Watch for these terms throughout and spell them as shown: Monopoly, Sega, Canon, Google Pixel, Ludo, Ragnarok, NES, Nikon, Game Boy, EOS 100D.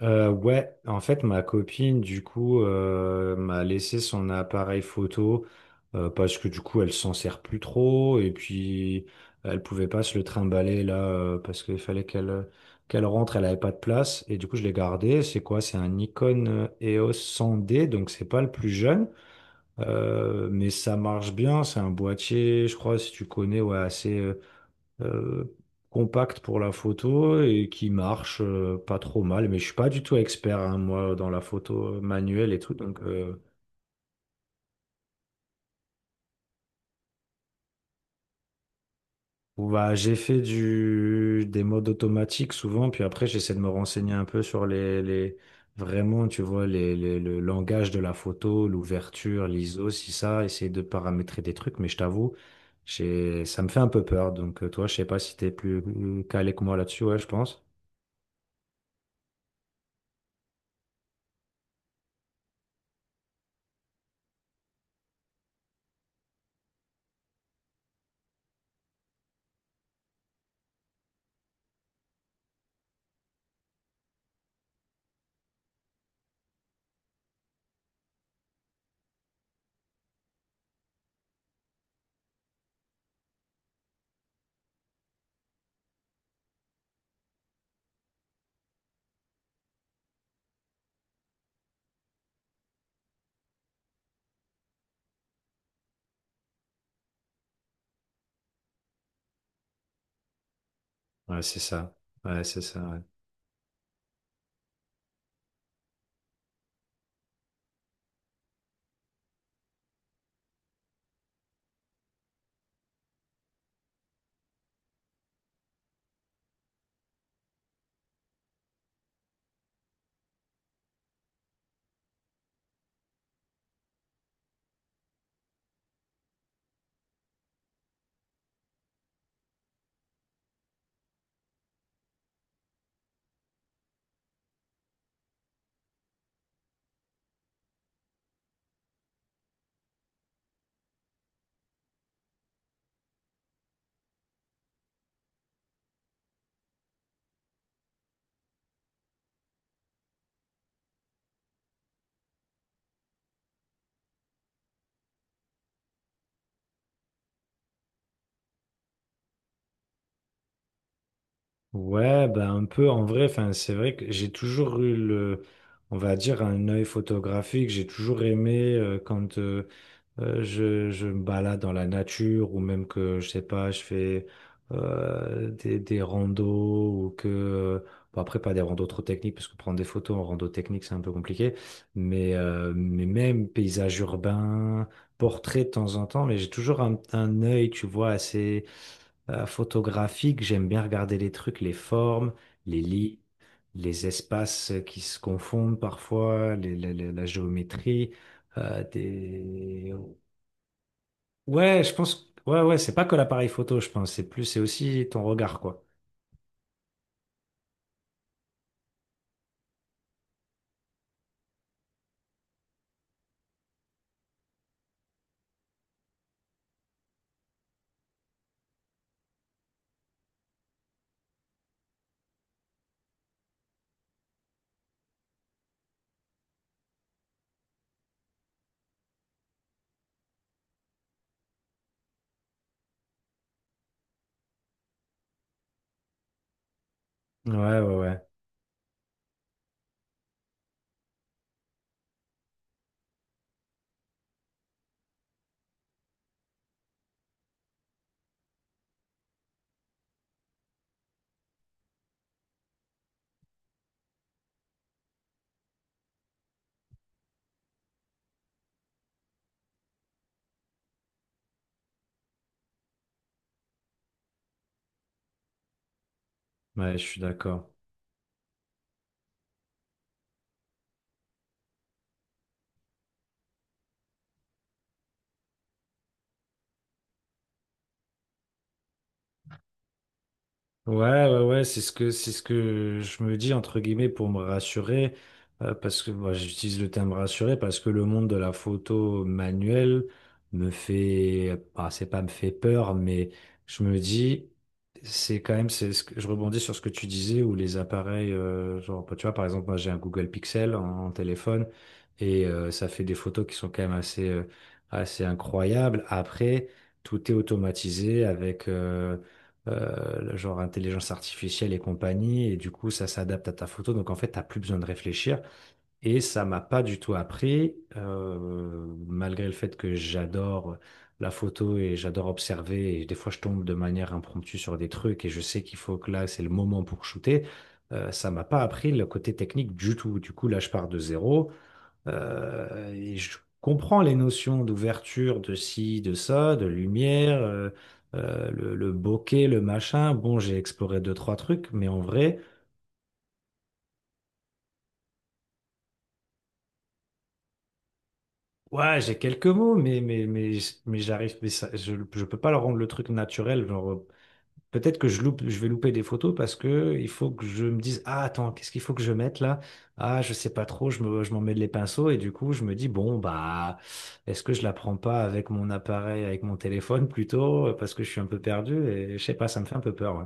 Ouais, en fait, ma copine, du coup, m'a laissé son appareil photo parce que du coup, elle s'en sert plus trop et puis elle pouvait pas se le trimballer là parce qu'il fallait qu'elle rentre, elle avait pas de place et du coup, je l'ai gardé. C'est quoi? C'est un Nikon EOS 100D, donc c'est pas le plus jeune, mais ça marche bien. C'est un boîtier, je crois, si tu connais, ouais, assez. Euh, Compact pour la photo et qui marche pas trop mal. Mais je suis pas du tout expert, hein, moi, dans la photo manuelle et tout. Donc, bah, j'ai fait des modes automatiques souvent. Puis après, j'essaie de me renseigner un peu sur les vraiment, tu vois, le langage de la photo, l'ouverture, l'ISO, si ça, essayer de paramétrer des trucs. Mais je t'avoue, ça me fait un peu peur. Donc, toi, je sais pas si t'es plus calé que moi là-dessus. Ouais, je pense. Ouais, c'est ça. Ouais, c'est ça, ouais. Ouais, bah un peu en vrai, enfin, c'est vrai que j'ai toujours eu on va dire, un œil photographique. J'ai toujours aimé quand je me balade dans la nature ou même que, je sais pas, je fais des randos ou que, bon, après, pas des randos trop techniques parce que prendre des photos en rando technique, c'est un peu compliqué, mais même paysage urbain, portrait de temps en temps, mais j'ai toujours un œil, tu vois, assez photographique, j'aime bien regarder les trucs, les formes, les lits, les espaces qui se confondent parfois, la géométrie, euh, des... Ouais, je pense. Ouais, ouais, c'est pas que l'appareil photo, je pense. C'est plus, c'est aussi ton regard, quoi. Ouais, ouais, ouais. Ouais, je suis d'accord. Ouais, ouais, ouais, c'est ce que je me dis entre guillemets pour me rassurer, parce que moi j'utilise le terme rassurer parce que le monde de la photo manuelle me fait, ah, c'est pas me fait peur, mais je me dis c'est quand même c'est ce que je rebondis sur ce que tu disais où les appareils, genre bah, tu vois par exemple moi j'ai un Google Pixel en téléphone et ça fait des photos qui sont quand même assez assez incroyables. Après tout est automatisé avec genre intelligence artificielle et compagnie, et du coup, ça s'adapte à ta photo. Donc, en fait, t'as plus besoin de réfléchir. Et ça m'a pas du tout appris, malgré le fait que j'adore la photo et j'adore observer. Et des fois, je tombe de manière impromptue sur des trucs et je sais qu'il faut que là, c'est le moment pour shooter. Ça m'a pas appris le côté technique du tout. Du coup, là, je pars de zéro. Et je comprends les notions d'ouverture, de ci, de ça, de lumière, le bokeh, le machin. Bon, j'ai exploré deux, trois trucs, mais en vrai, ouais, j'ai quelques mots, mais, mais j'arrive, mais ça- je peux pas leur rendre le truc naturel. Genre, peut-être que je loupe, je vais louper des photos parce que il faut que je me dise, ah attends, qu'est-ce qu'il faut que je mette là? Ah, je sais pas trop, je m'en mêle les pinceaux et du coup je me dis, bon bah est-ce que je la prends pas avec mon appareil, avec mon téléphone plutôt, parce que je suis un peu perdu et je sais pas, ça me fait un peu peur. Ouais.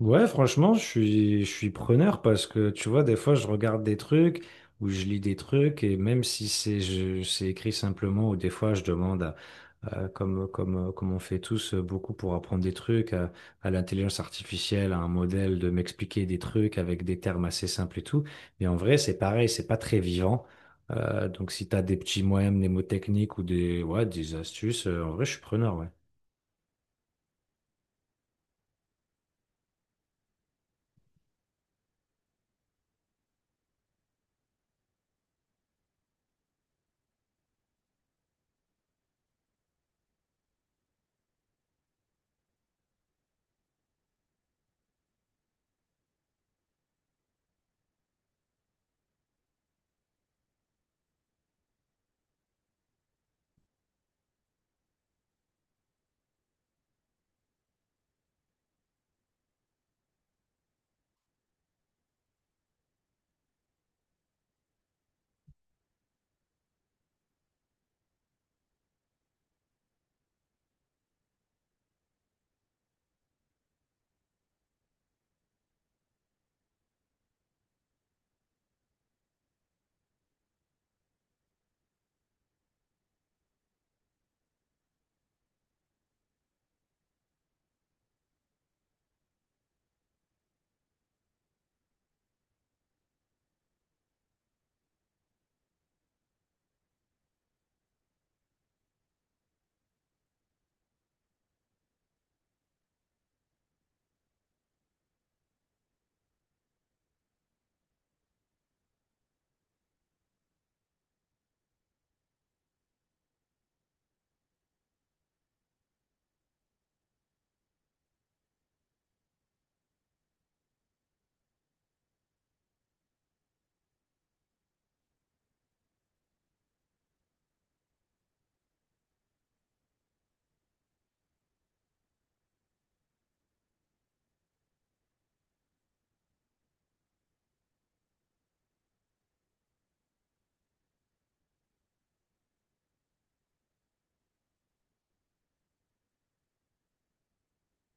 Ouais, franchement, je suis preneur parce que tu vois, des fois, je regarde des trucs ou je lis des trucs et même si c'est c'est écrit simplement ou des fois, je demande, comme, comme on fait tous beaucoup pour apprendre des trucs, à l'intelligence artificielle, à un modèle de m'expliquer des trucs avec des termes assez simples et tout. Mais en vrai, c'est pareil, c'est pas très vivant. Donc, si tu as des petits moyens mnémotechniques ou ouais, des astuces, en vrai, je suis preneur, ouais.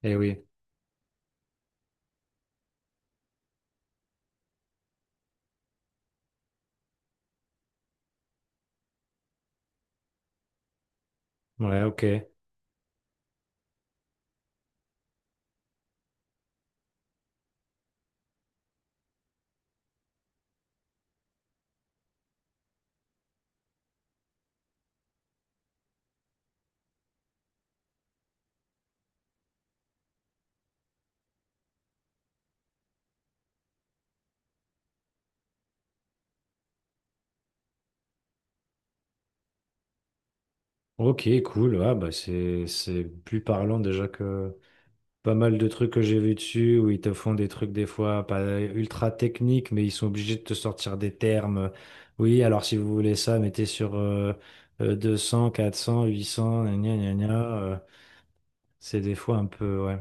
Eh oui, ouais, ok. Ok, cool. Ah, bah c'est plus parlant déjà que pas mal de trucs que j'ai vu dessus où ils te font des trucs des fois pas ultra techniques, mais ils sont obligés de te sortir des termes. Oui, alors si vous voulez ça, mettez sur 200, 400, 800, gna gna gna. C'est des fois un peu. Ouais.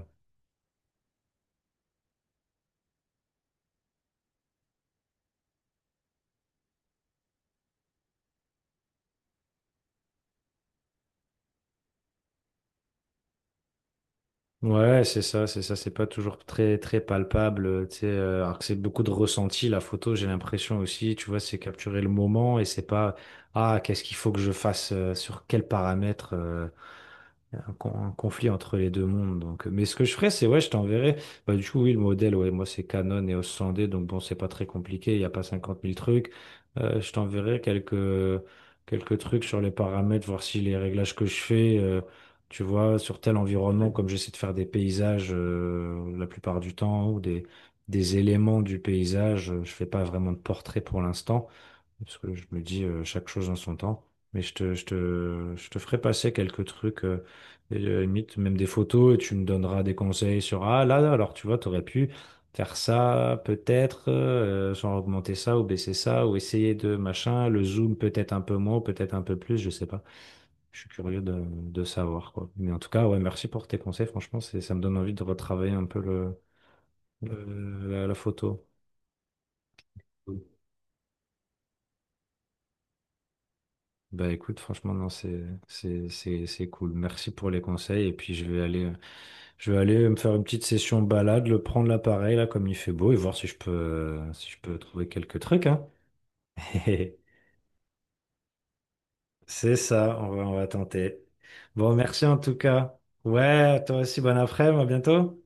Ouais, c'est ça, c'est pas toujours très palpable, tu sais, alors que c'est beaucoup de ressenti, la photo, j'ai l'impression aussi, tu vois, c'est capturer le moment et c'est pas, ah, qu'est-ce qu'il faut que je fasse, sur quels paramètres, il y a un, un conflit entre les deux mondes. Donc mais ce que je ferais, c'est ouais, je t'enverrai. Bah, du coup, oui, le modèle, ouais, moi, c'est Canon et EOS 100D, donc bon, c'est pas très compliqué, il n'y a pas cinquante mille trucs. Je t'enverrai quelques, quelques trucs sur les paramètres, voir si les réglages que je fais, tu vois, sur tel environnement, ouais, comme j'essaie de faire des paysages la plupart du temps, ou des éléments du paysage, je fais pas vraiment de portrait pour l'instant. Parce que je me dis chaque chose en son temps. Mais je te ferai passer quelques trucs, limite même des photos, et tu me donneras des conseils sur ah là, là, alors tu vois, tu aurais pu faire ça, peut-être, sans augmenter ça, ou baisser ça, ou essayer de machin, le zoom peut-être un peu moins, peut-être un peu plus, je sais pas. Je suis curieux de savoir, quoi. Mais en tout cas, ouais, merci pour tes conseils, franchement, c'est, ça me donne envie de retravailler un peu la photo. Bah écoute, franchement, non, c'est cool. Merci pour les conseils. Et puis, je vais aller me faire une petite session balade, le prendre l'appareil, là, comme il fait beau, et voir si je peux, si je peux trouver quelques trucs, hein. C'est ça, on va tenter. Bon, merci en tout cas. Ouais, toi aussi, bon après-midi, à bientôt.